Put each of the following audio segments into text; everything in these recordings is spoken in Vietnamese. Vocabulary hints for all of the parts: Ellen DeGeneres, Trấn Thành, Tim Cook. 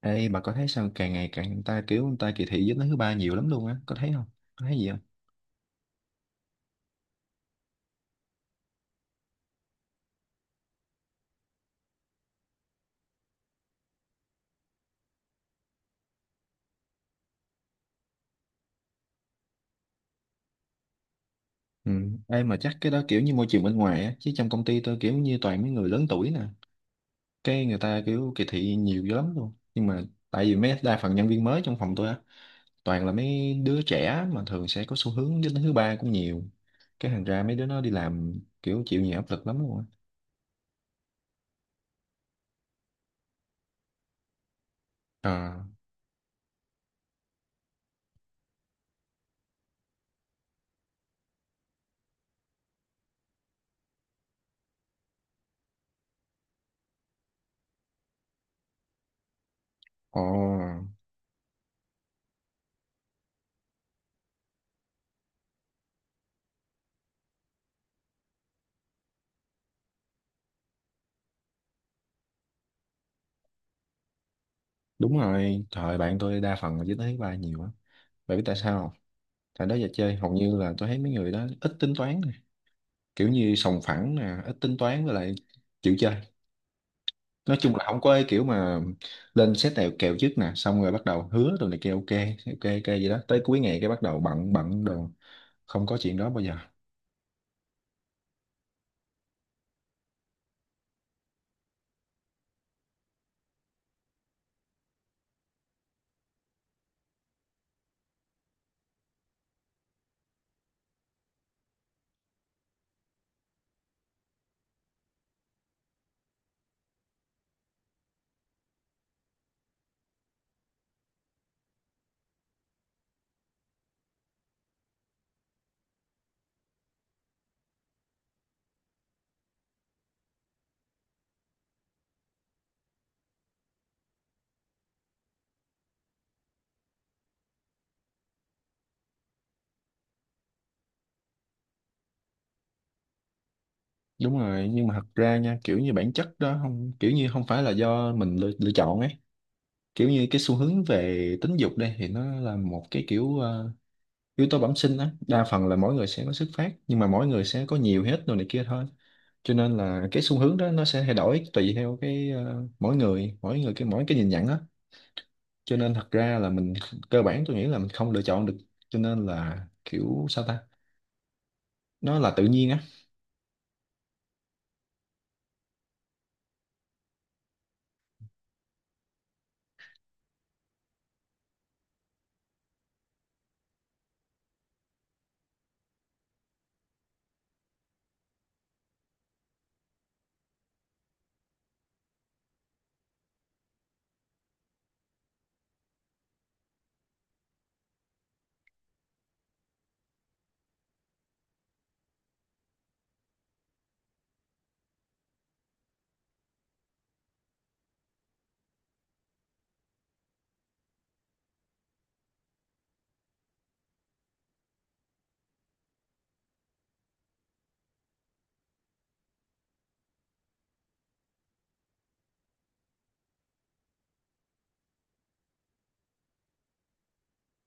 Ê, bà có thấy sao càng ngày càng người ta kỳ thị giới tính thứ ba nhiều lắm luôn á, có thấy không? Có thấy gì không? Ừ. Ê, mà chắc cái đó kiểu như môi trường bên ngoài á, chứ trong công ty tôi kiểu như toàn mấy người lớn tuổi nè, cái người ta kiểu kỳ thị nhiều dữ lắm luôn. Nhưng mà tại vì mấy đa phần nhân viên mới trong phòng tôi á, toàn là mấy đứa trẻ mà thường sẽ có xu hướng giới tính thứ ba cũng nhiều. Cái thành ra mấy đứa nó đi làm kiểu chịu nhiều áp lực lắm luôn á. À, ồ, đúng rồi, trời bạn tôi đa phần là giới tính thứ ba nhiều á. Bạn biết tại sao không? Tại đó giờ chơi hầu như là tôi thấy mấy người đó ít tính toán nè, kiểu như sòng phẳng nè ít tính toán với lại chịu chơi. Nói chung là không có cái kiểu mà lên set nào kèo trước nè, xong rồi bắt đầu hứa rồi này kia, ok ok ok vậy đó tới cuối ngày cái bắt đầu bận bận đồ. Không có chuyện đó bao giờ. Đúng rồi, nhưng mà thật ra nha kiểu như bản chất đó không, kiểu như không phải là do mình lựa chọn ấy. Kiểu như cái xu hướng về tính dục đây thì nó là một cái kiểu yếu tố bẩm sinh á, đa phần là mỗi người sẽ có xuất phát nhưng mà mỗi người sẽ có nhiều hết rồi này kia thôi. Cho nên là cái xu hướng đó nó sẽ thay đổi tùy theo cái mỗi người cái mỗi cái nhìn nhận á. Cho nên thật ra là mình cơ bản tôi nghĩ là mình không lựa chọn được. Cho nên là kiểu sao ta, nó là tự nhiên á.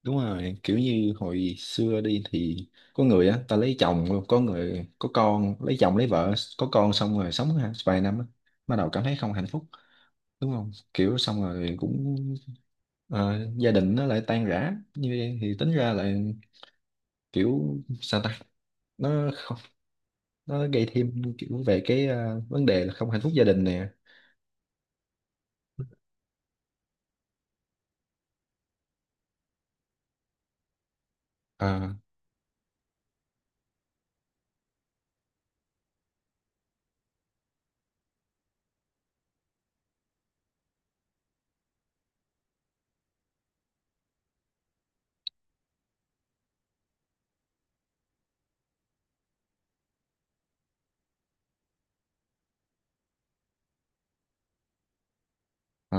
Đúng rồi, kiểu như hồi xưa đi thì có người á ta lấy chồng, có người có con lấy chồng lấy vợ có con xong rồi sống vài năm á, bắt đầu cảm thấy không hạnh phúc, đúng không? Kiểu xong rồi cũng gia đình nó lại tan rã. Như vậy thì tính ra là kiểu sao ta, nó không, nó gây thêm kiểu về cái vấn đề là không hạnh phúc gia đình nè. Ờ, ờ,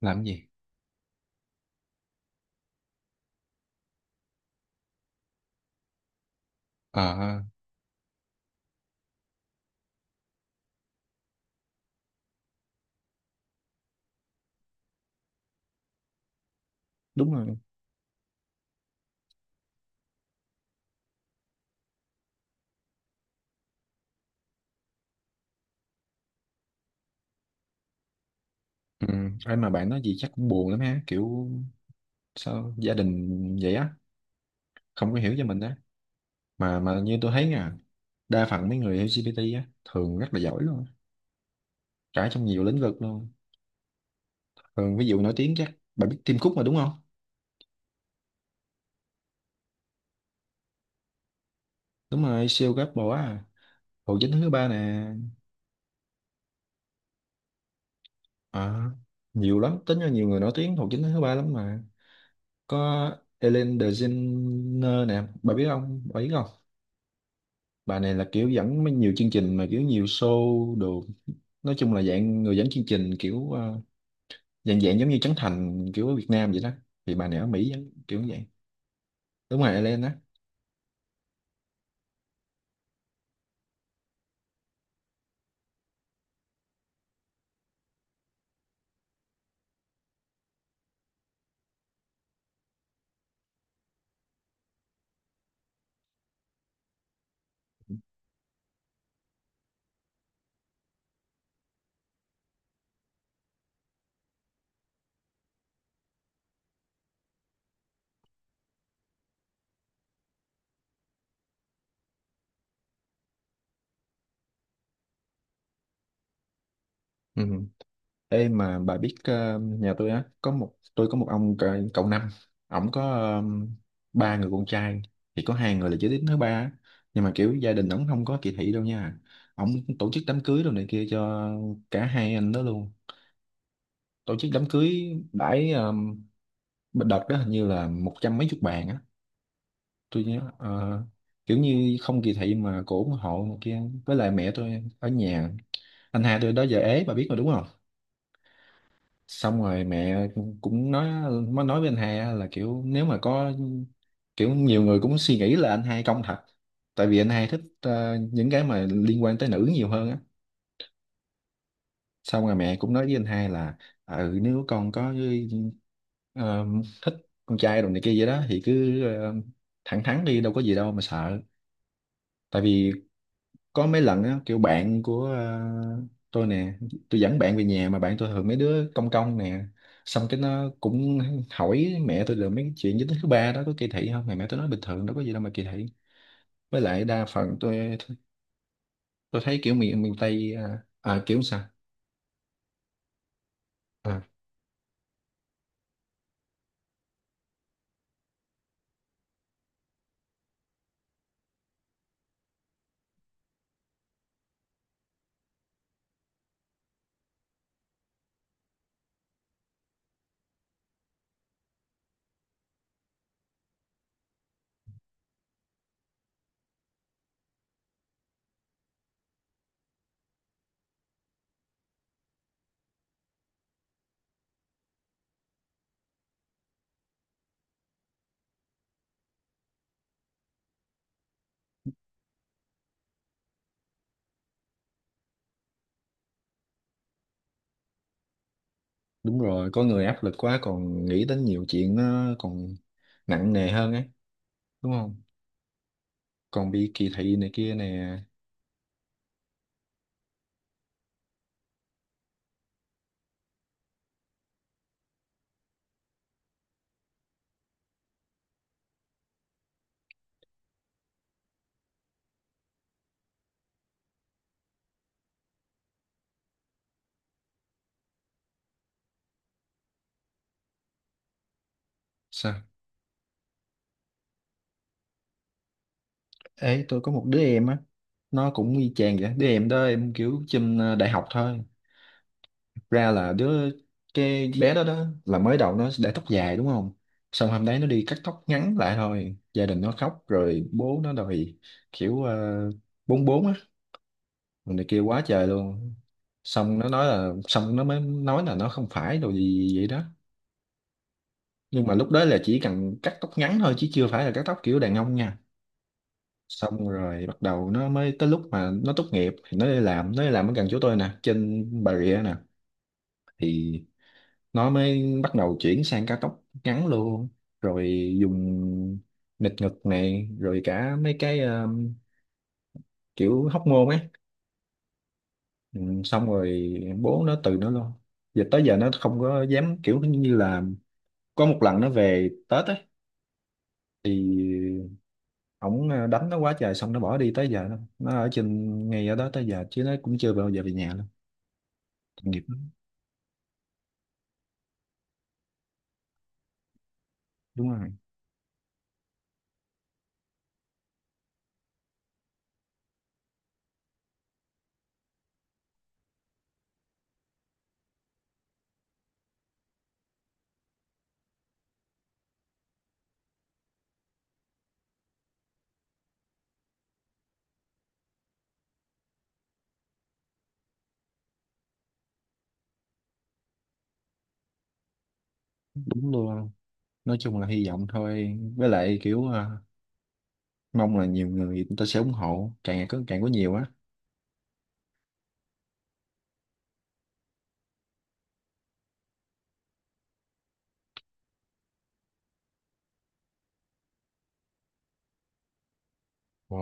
làm cái gì? Ờ, ờ, đúng rồi, ừ. Ai mà bạn nói gì chắc cũng buồn lắm ha, kiểu sao gia đình vậy á, không có hiểu cho mình á. Mà như tôi thấy nha, đa phần mấy người LGBT á thường rất là giỏi luôn á, cả trong nhiều lĩnh vực luôn. Thường ví dụ nổi tiếng chắc bạn biết Tim Cook mà đúng không? Đúng rồi, siêu gấp bộ á, Hồ Chính thứ ba nè. À, nhiều lắm tính ra, nhiều người nổi tiếng Hồ Chính thứ ba lắm mà. Có Ellen DeGeneres nè, bà biết không, bà biết không? Bà này là kiểu dẫn mấy nhiều chương trình mà kiểu nhiều show đồ, nói chung là dạng người dẫn chương trình kiểu dạng dạng giống như Trấn Thành kiểu ở Việt Nam vậy đó. Thì bà này ở Mỹ kiểu như vậy. Đúng rồi, Ellen á. Ừ. Ê mà bà biết, nhà tôi á có một, tôi có một ông cậu năm, ổng có ba người con trai, thì có hai người là giới tính thứ ba á. Nhưng mà kiểu gia đình ổng không có kỳ thị đâu nha. Ổng tổ chức đám cưới đồ này kia cho cả hai anh đó luôn. Tổ chức đám cưới đãi đợt đó hình như là một trăm mấy chục bàn á, tôi nhớ kiểu như không kỳ thị mà cổ ủng hộ này kia. Với lại mẹ tôi ở nhà, anh hai tôi đó giờ ế bà biết mà đúng không? Xong rồi mẹ cũng nói, mới nói với anh hai á là kiểu nếu mà có, kiểu nhiều người cũng suy nghĩ là anh hai công thật, tại vì anh hai thích những cái mà liên quan tới nữ nhiều hơn á. Xong rồi mẹ cũng nói với anh hai là ừ nếu con có ờ, thích con trai đồ này kia vậy đó thì cứ thẳng thắn đi, đâu có gì đâu mà sợ. Tại vì có mấy lần á kiểu bạn của tôi nè, tôi dẫn bạn về nhà mà bạn tôi thường mấy đứa công công nè, xong cái nó cũng hỏi mẹ tôi được mấy cái chuyện giới tính thứ ba đó có kỳ thị không, mà mẹ tôi nói bình thường đâu có gì đâu mà kỳ thị. Với lại đa phần tôi thấy kiểu miền miền Tây à, à, kiểu sao. À, đúng rồi, có người áp lực quá còn nghĩ đến nhiều chuyện nó còn nặng nề hơn ấy, đúng không? Còn bị kỳ thị này kia nè. Sao? Ê, tôi có một đứa em á, nó cũng y chang vậy. Đứa em đó em kiểu trên đại học thôi. Thực ra là đứa, cái bé đó đó là mới đầu nó để tóc dài đúng không? Xong hôm đấy nó đi cắt tóc ngắn lại thôi. Gia đình nó khóc rồi bố nó đòi kiểu bốn bốn á, rồi này kia quá trời luôn. Xong nó nói là, xong nó mới nói là nó không phải đồ gì vậy đó. Nhưng mà lúc đó là chỉ cần cắt tóc ngắn thôi chứ chưa phải là cắt tóc kiểu đàn ông nha. Xong rồi bắt đầu nó mới tới lúc mà nó tốt nghiệp thì nó đi làm, nó đi làm ở gần chỗ tôi nè, trên Bà Rịa nè, thì nó mới bắt đầu chuyển sang cao tốc ngắn luôn, rồi dùng nịt ngực này rồi cả mấy cái kiểu hóc môn ấy. Ừ, xong rồi bố nó từ nó luôn. Giờ tới giờ nó không có dám kiểu như là, có một lần nó về Tết ấy thì ổng đánh nó quá trời, xong nó bỏ đi tới giờ đó. Nó ở trên ngay ở đó tới giờ chứ nó cũng chưa bao giờ về nhà luôn. Nghiệp lắm. Đúng rồi. Đúng luôn, nói chung là hy vọng thôi, với lại kiểu à, mong là nhiều người người ta sẽ ủng hộ càng ngày có càng có nhiều á. Ờ,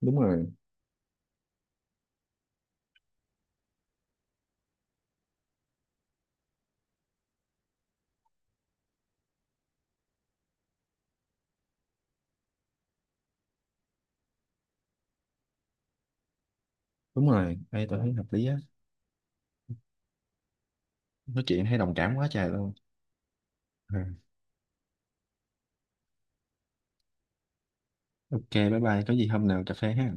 đúng rồi. Đúng rồi đây, tôi thấy hợp lý á. Nói chuyện thấy đồng cảm quá trời luôn. Ừ. Ok bye bye, có gì hôm nào cà phê ha.